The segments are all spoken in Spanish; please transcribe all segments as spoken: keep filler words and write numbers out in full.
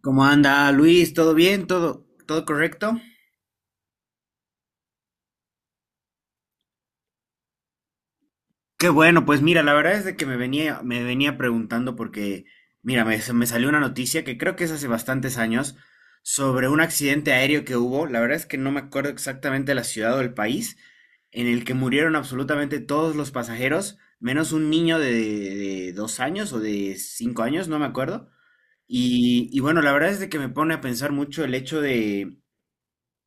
¿Cómo anda Luis? ¿Todo bien? ¿Todo, todo correcto? Qué bueno. Pues mira, la verdad es de que me venía, me venía preguntando porque, mira, me, se me salió una noticia que creo que es hace bastantes años, sobre un accidente aéreo que hubo. La verdad es que no me acuerdo exactamente la ciudad o el país en el que murieron absolutamente todos los pasajeros, menos un niño de, de dos años o de cinco años, no me acuerdo. Y, y bueno, la verdad es de que me pone a pensar mucho el hecho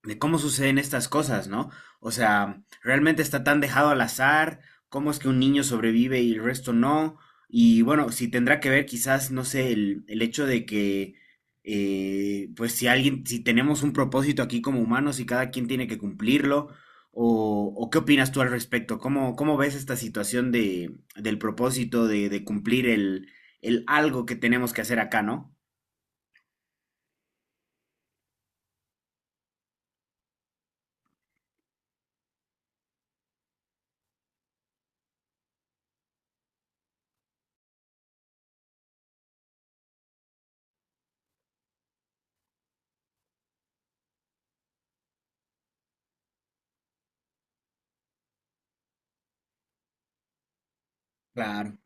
de cómo suceden estas cosas, ¿no? O sea, realmente está tan dejado al azar, cómo es que un niño sobrevive y el resto no. Y bueno, si tendrá que ver quizás, no sé, el, el hecho de que, eh, pues si alguien, si tenemos un propósito aquí como humanos y cada quien tiene que cumplirlo, o, o qué opinas tú al respecto. ¿Cómo, cómo ves esta situación de, del propósito de, de cumplir el, el algo que tenemos que hacer acá, ¿no? Claro.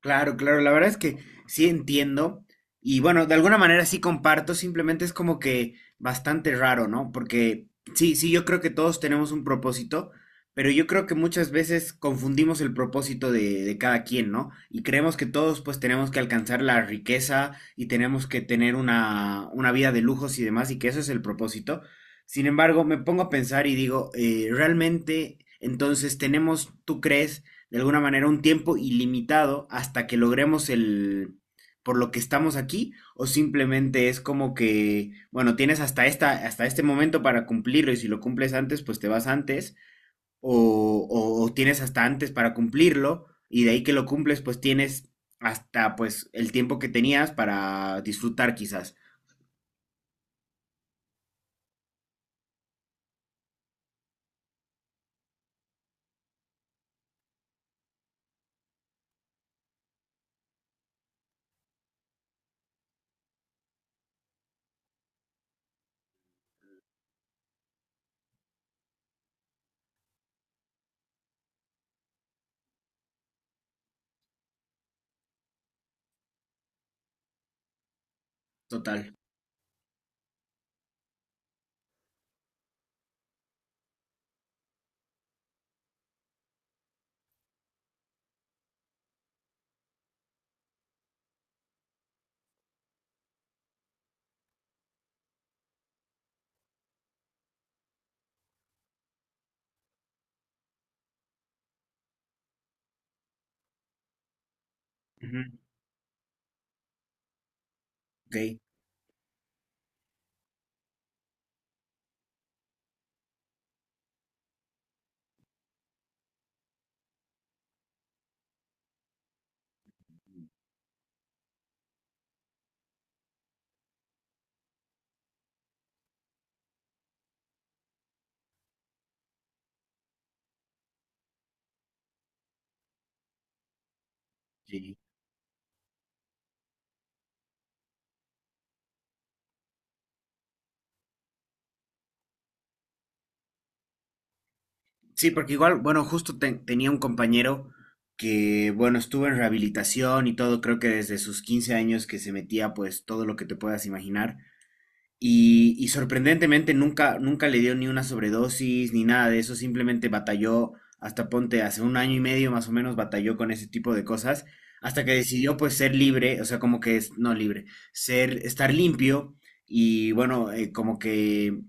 Claro, claro, la verdad es que sí entiendo y bueno, de alguna manera sí comparto, simplemente es como que bastante raro, ¿no? Porque sí, sí, yo creo que todos tenemos un propósito, pero yo creo que muchas veces confundimos el propósito de, de cada quien, ¿no? Y creemos que todos pues tenemos que alcanzar la riqueza y tenemos que tener una, una vida de lujos y demás y que eso es el propósito. Sin embargo, me pongo a pensar y digo, eh, ¿realmente entonces tenemos, tú crees, de alguna manera un tiempo ilimitado hasta que logremos el por lo que estamos aquí? O simplemente es como que, bueno, tienes hasta esta hasta este momento para cumplirlo, y si lo cumples antes, pues te vas antes. O, o- o tienes hasta antes para cumplirlo y de ahí que lo cumples, pues tienes hasta pues el tiempo que tenías para disfrutar quizás. Total. Ujú. Ok. Sí. Sí, porque igual, bueno, justo te- tenía un compañero que, bueno, estuvo en rehabilitación y todo, creo que desde sus quince años que se metía pues todo lo que te puedas imaginar, y, y sorprendentemente nunca, nunca le dio ni una sobredosis ni nada de eso, simplemente batalló hasta ponte hace un año y medio más o menos, batalló con ese tipo de cosas, hasta que decidió pues ser libre, o sea, como que es, no libre, ser, estar limpio y bueno, eh, como que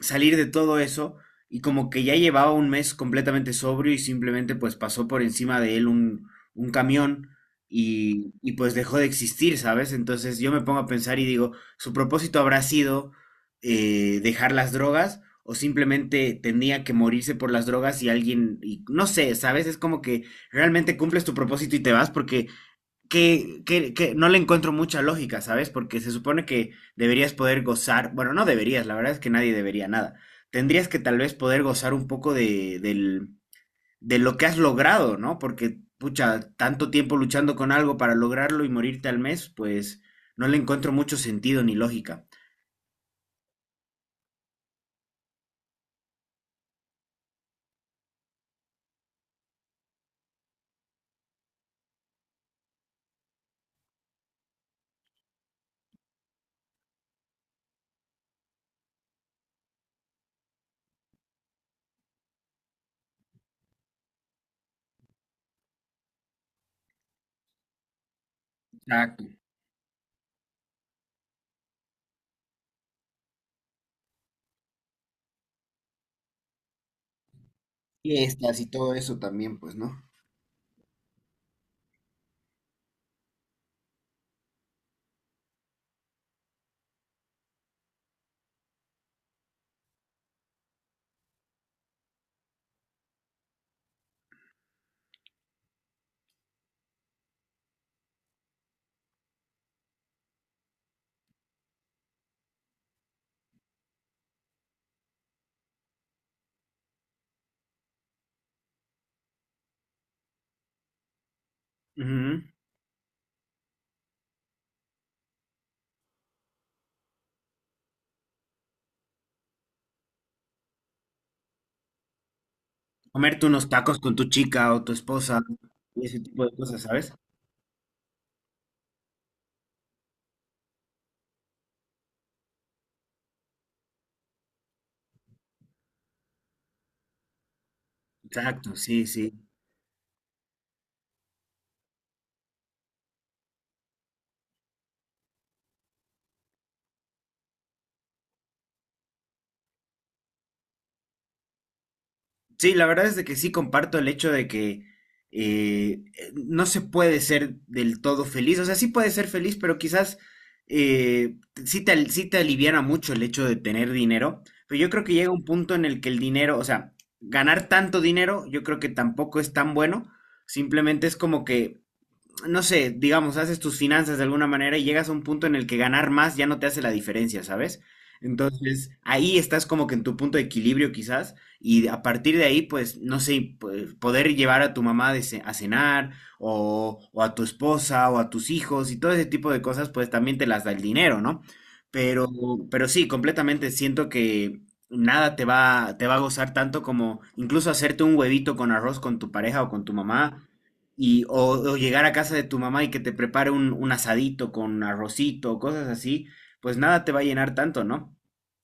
salir de todo eso, y como que ya llevaba un mes completamente sobrio y simplemente pues pasó por encima de él un, un camión, y, y pues dejó de existir, ¿sabes? Entonces yo me pongo a pensar y digo, su propósito habrá sido, eh, dejar las drogas, o simplemente tenía que morirse por las drogas y alguien, y no sé, ¿sabes? Es como que realmente cumples tu propósito y te vas porque que, que, que no le encuentro mucha lógica, ¿sabes? Porque se supone que deberías poder gozar, bueno, no deberías, la verdad es que nadie debería nada. Tendrías que tal vez poder gozar un poco de, del, de lo que has logrado, ¿no? Porque, pucha, tanto tiempo luchando con algo para lograrlo y morirte al mes, pues no le encuentro mucho sentido ni lógica. Exacto. Fiestas y todo eso también, pues, ¿no? Ujú. Comerte unos tacos con tu chica o tu esposa y ese tipo de cosas, ¿sabes? Exacto, sí, sí. Sí, la verdad es de que sí comparto el hecho de que eh, eh, no se puede ser del todo feliz. O sea, sí puede ser feliz, pero quizás, eh, sí te, al- sí te aliviana mucho el hecho de tener dinero. Pero yo creo que llega un punto en el que el dinero, o sea, ganar tanto dinero, yo creo que tampoco es tan bueno. Simplemente es como que no sé, digamos, haces tus finanzas de alguna manera y llegas a un punto en el que ganar más ya no te hace la diferencia, ¿sabes? Entonces, ahí estás como que en tu punto de equilibrio quizás, y a partir de ahí, pues, no sé, pu- poder llevar a tu mamá de ce- a cenar, o, o a tu esposa o a tus hijos y todo ese tipo de cosas, pues también te las da el dinero, ¿no? Pero, pero sí, completamente siento que nada te va, te va a gozar tanto como incluso hacerte un huevito con arroz con tu pareja o con tu mamá y o, o llegar a casa de tu mamá y que te prepare un, un asadito con arrocito, cosas así, pues nada te va a llenar tanto, ¿no?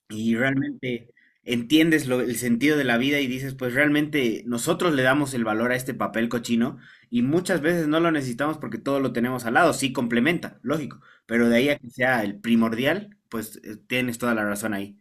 Y realmente entiendes lo- el sentido de la vida y dices, pues realmente nosotros le damos el valor a este papel cochino, y muchas veces no lo necesitamos porque todo lo tenemos al lado. Sí complementa, lógico, pero de ahí a que sea el primordial, pues eh, tienes toda la razón ahí.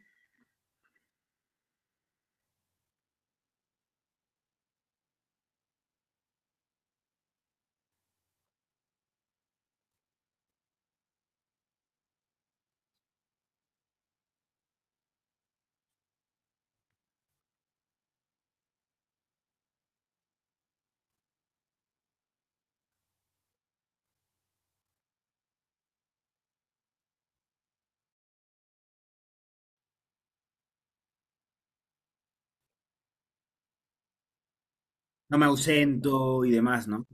No me ausento y demás, ¿no?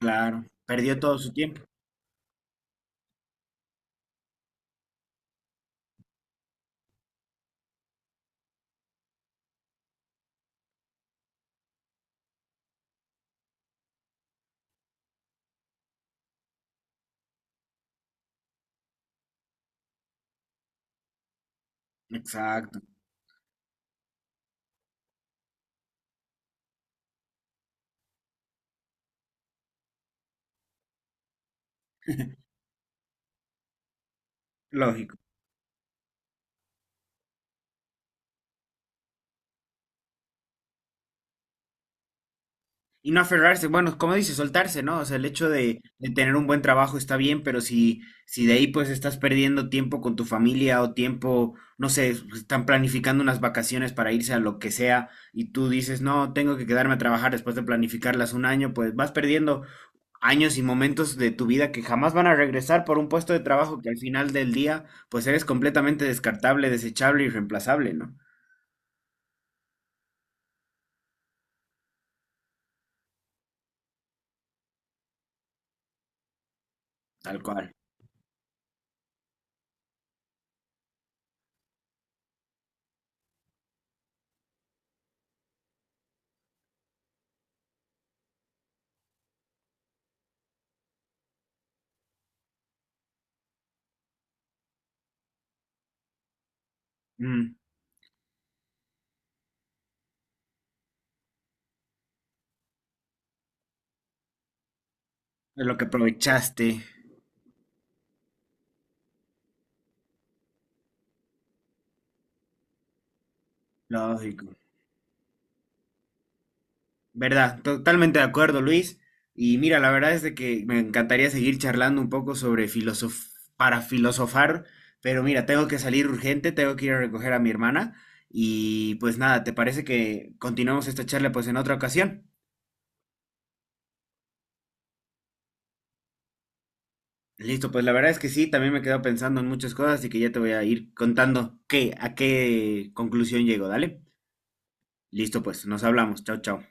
Claro, perdió todo su tiempo. Exacto, lógico. Y no aferrarse, bueno, como dices, soltarse, ¿no? O sea, el hecho de, de tener un buen trabajo está bien, pero si, si de ahí pues estás perdiendo tiempo con tu familia o tiempo, no sé, están planificando unas vacaciones para irse a lo que sea y tú dices, no, tengo que quedarme a trabajar después de planificarlas un año, pues vas perdiendo años y momentos de tu vida que jamás van a regresar por un puesto de trabajo que al final del día pues eres completamente descartable, desechable y reemplazable, ¿no? Tal cual. Mm, es lo que aprovechaste, lógico. Verdad, totalmente de acuerdo, Luis. Y mira, la verdad es de que me encantaría seguir charlando un poco sobre filosof para filosofar, pero mira, tengo que salir urgente, tengo que ir a recoger a mi hermana, y pues nada, ¿te parece que continuamos esta charla pues en otra ocasión? Listo, pues la verdad es que sí, también me he quedado pensando en muchas cosas, y que ya te voy a ir contando qué, a qué conclusión llego, ¿dale? Listo, pues nos hablamos. Chao, chao.